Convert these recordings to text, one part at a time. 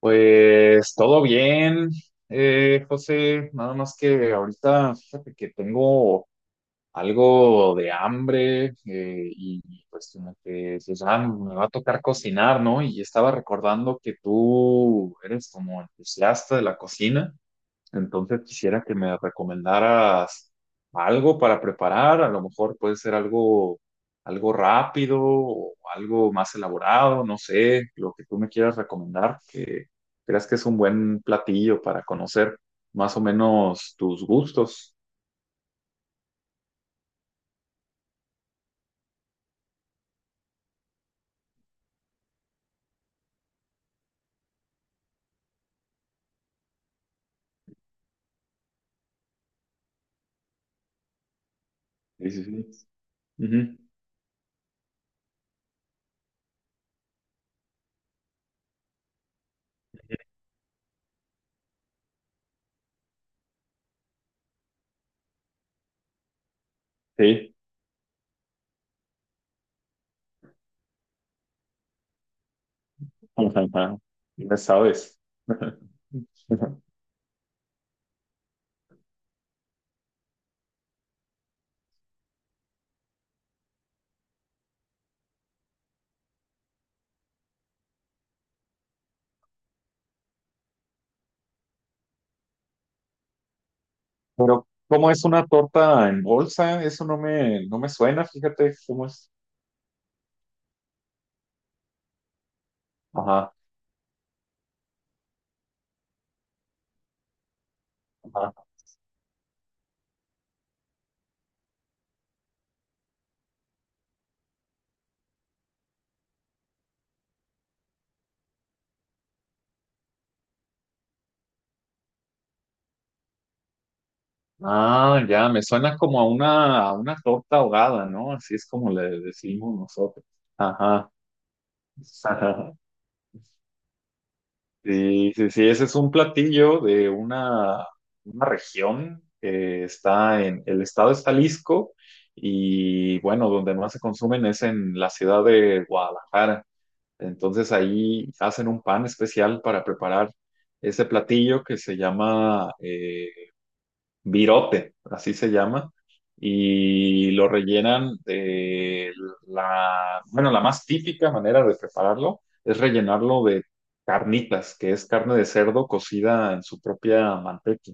Pues todo bien, José, nada más que ahorita fíjate que tengo algo de hambre y pues como que me va a tocar cocinar, ¿no? Y estaba recordando que tú eres como entusiasta de la cocina, entonces quisiera que me recomendaras algo para preparar, a lo mejor puede ser algo rápido o algo más elaborado, no sé, lo que tú me quieras recomendar, que creas que es un buen platillo para conocer más o menos tus gustos. Sí, sí, sí. Ujú. Sí, ya sabes. Pero, ¿cómo es una torta en bolsa? Eso no me suena, fíjate cómo es. Ajá. Ah, ya, me suena como a a una torta ahogada, ¿no? Así es como le decimos nosotros. Ajá. Ajá. Sí, sí, sí, ese es un platillo de una región que está en, el estado es Jalisco, y bueno, donde más se consumen es en la ciudad de Guadalajara. Entonces ahí hacen un pan especial para preparar ese platillo que se llama virote, así se llama, y lo rellenan de la, bueno, la más típica manera de prepararlo es rellenarlo de carnitas, que es carne de cerdo cocida en su propia manteca.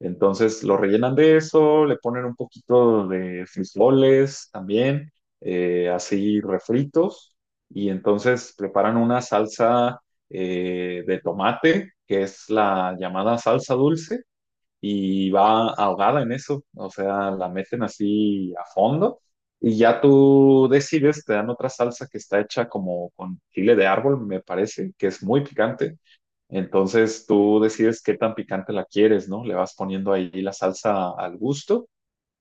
Entonces lo rellenan de eso, le ponen un poquito de frijoles también, así refritos, y entonces preparan una salsa de tomate, que es la llamada salsa dulce, y va ahogada en eso, o sea, la meten así a fondo y ya tú decides, te dan otra salsa que está hecha como con chile de árbol, me parece, que es muy picante. Entonces tú decides qué tan picante la quieres, ¿no? Le vas poniendo ahí la salsa al gusto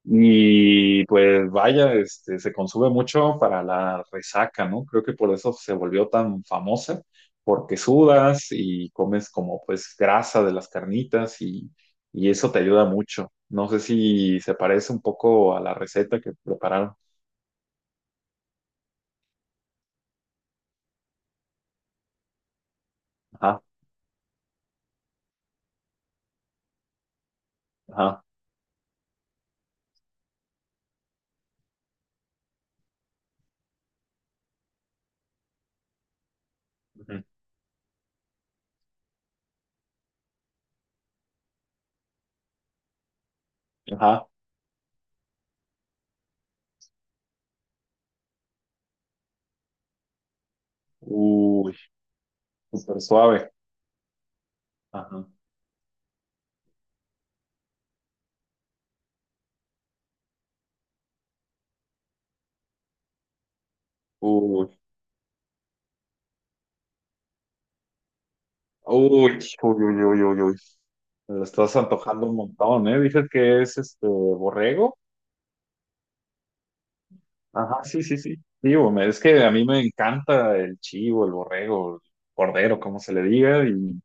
y pues vaya, este, se consume mucho para la resaca, ¿no? Creo que por eso se volvió tan famosa, porque sudas y comes como pues grasa de las carnitas y eso te ayuda mucho. No sé si se parece un poco a la receta que prepararon. Ajá, ajá, ujú, ajá. Uy, súper suave. Ajá. Uy, uy, uy, uy, uy, uy, uy. Me lo estás antojando un montón, ¿eh? Dices que es este borrego. Ajá, sí, sí, sí. Digo, es que a mí me encanta el chivo, el borrego, el cordero, como se le diga,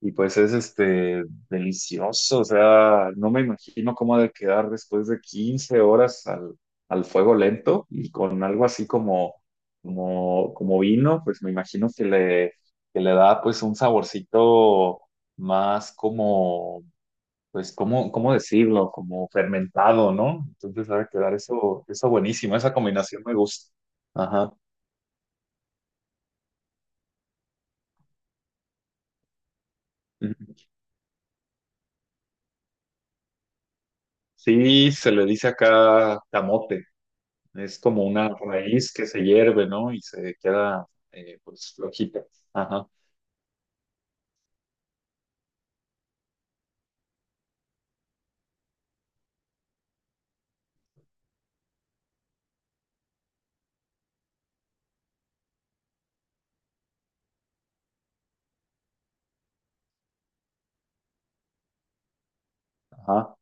y pues es este delicioso. O sea, no me imagino cómo ha de quedar después de 15 horas al fuego lento y con algo así como, como vino, pues me imagino que que le da pues un saborcito más, pues, ¿cómo, cómo decirlo? Como fermentado, ¿no? Entonces va a quedar eso, eso buenísimo, esa combinación me gusta. Ajá. Ujú. Sí, se le dice acá camote, es como una raíz que se hierve, ¿no? Y se queda, pues, flojita. Ajá, ajá.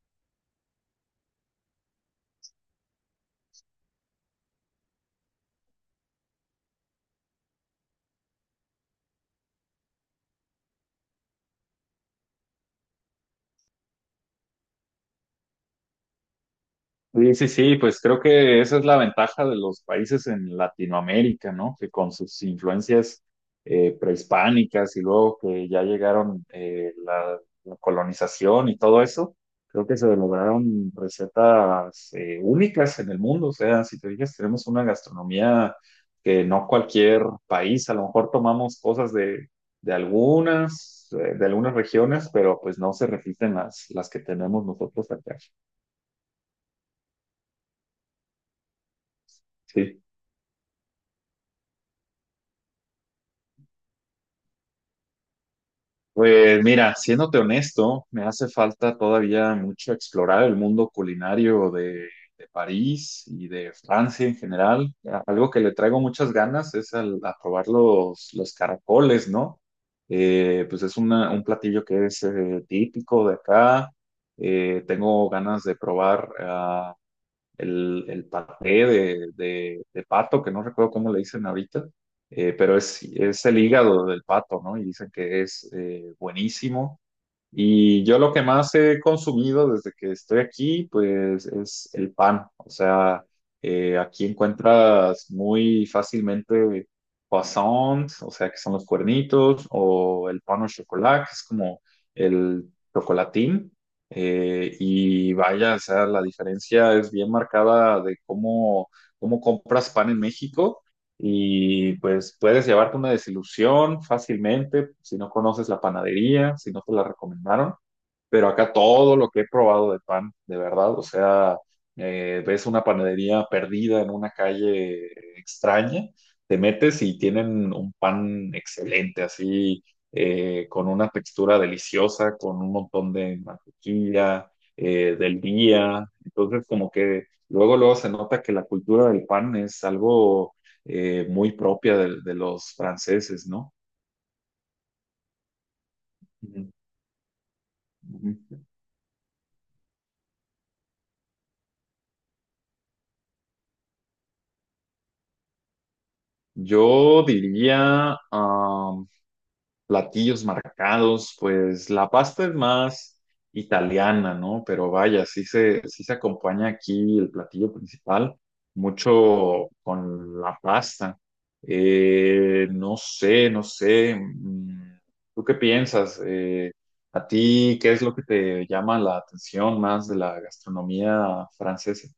Sí, sí, sí, pues creo que esa es la ventaja de los países en Latinoamérica, ¿no? Que con sus influencias prehispánicas y luego que ya llegaron la colonización y todo eso, creo que se lograron recetas únicas en el mundo. O sea, si te fijas, tenemos una gastronomía que no cualquier país, a lo mejor tomamos cosas de algunas regiones, pero pues no se repiten las que tenemos nosotros acá. Sí. Pues mira, siéndote honesto, me hace falta todavía mucho explorar el mundo culinario de París y de Francia en general. Algo que le traigo muchas ganas es a probar los caracoles, ¿no? Pues es un platillo que es típico de acá. Tengo ganas de probar el paté de pato, que no recuerdo cómo le dicen ahorita, pero es el hígado del pato, ¿no? Y dicen que es buenísimo. Y yo lo que más he consumido desde que estoy aquí, pues es el pan. O sea, aquí encuentras muy fácilmente croissants, o sea, que son los cuernitos, o el pan au chocolat, que es como el chocolatín. Y vaya, o sea, la diferencia es bien marcada de cómo compras pan en México. Y pues puedes llevarte una desilusión fácilmente si no conoces la panadería, si no te la recomendaron, pero acá todo lo que he probado de pan, de verdad, o sea, ves una panadería perdida en una calle extraña, te metes y tienen un pan excelente, así, con una textura deliciosa, con un montón de mantequilla, del día, entonces como que luego, luego se nota que la cultura del pan es algo muy propia de los franceses, ¿no? Ujú. Ujú. Yo diría, platillos marcados, pues la pasta es más italiana, ¿no? Pero vaya, sí se acompaña aquí el platillo principal, mucho con la pasta. No sé, no sé. ¿Tú qué piensas? ¿A ti qué es lo que te llama la atención más de la gastronomía francesa?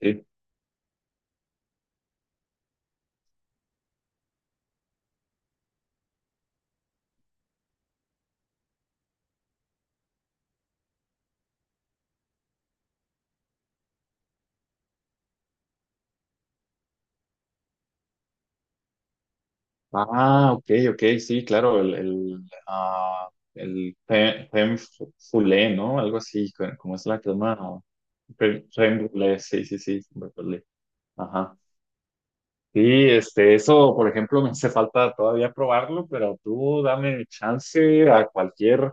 Sí. Ah, ok, ok, sí, claro, el femme foulée, ¿no? Algo así, como es la crema. Femme femme brûlée, sí, sí, sí, me acordé. Ajá. Sí, este, eso, por ejemplo, me hace falta todavía probarlo, pero tú dame chance a cualquier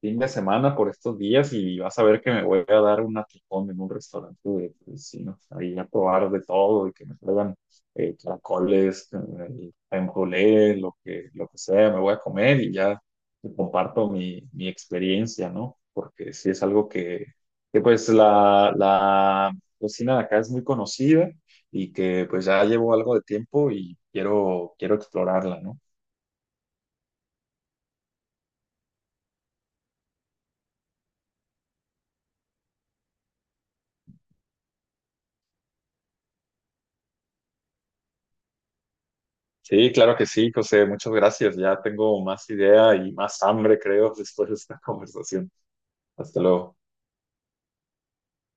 fin de semana por estos días y vas a ver que me voy a dar un atracón en un restaurante de vecinos, ahí a probar de todo y que me traigan caracoles, crème brûlée, lo que sea, me voy a comer y ya te comparto mi experiencia, ¿no? Porque sí es algo que pues la cocina de acá es muy conocida y que pues ya llevo algo de tiempo y quiero, quiero explorarla, ¿no? Sí, claro que sí, José, muchas gracias. Ya tengo más idea y más hambre, creo, después de esta conversación. Hasta luego.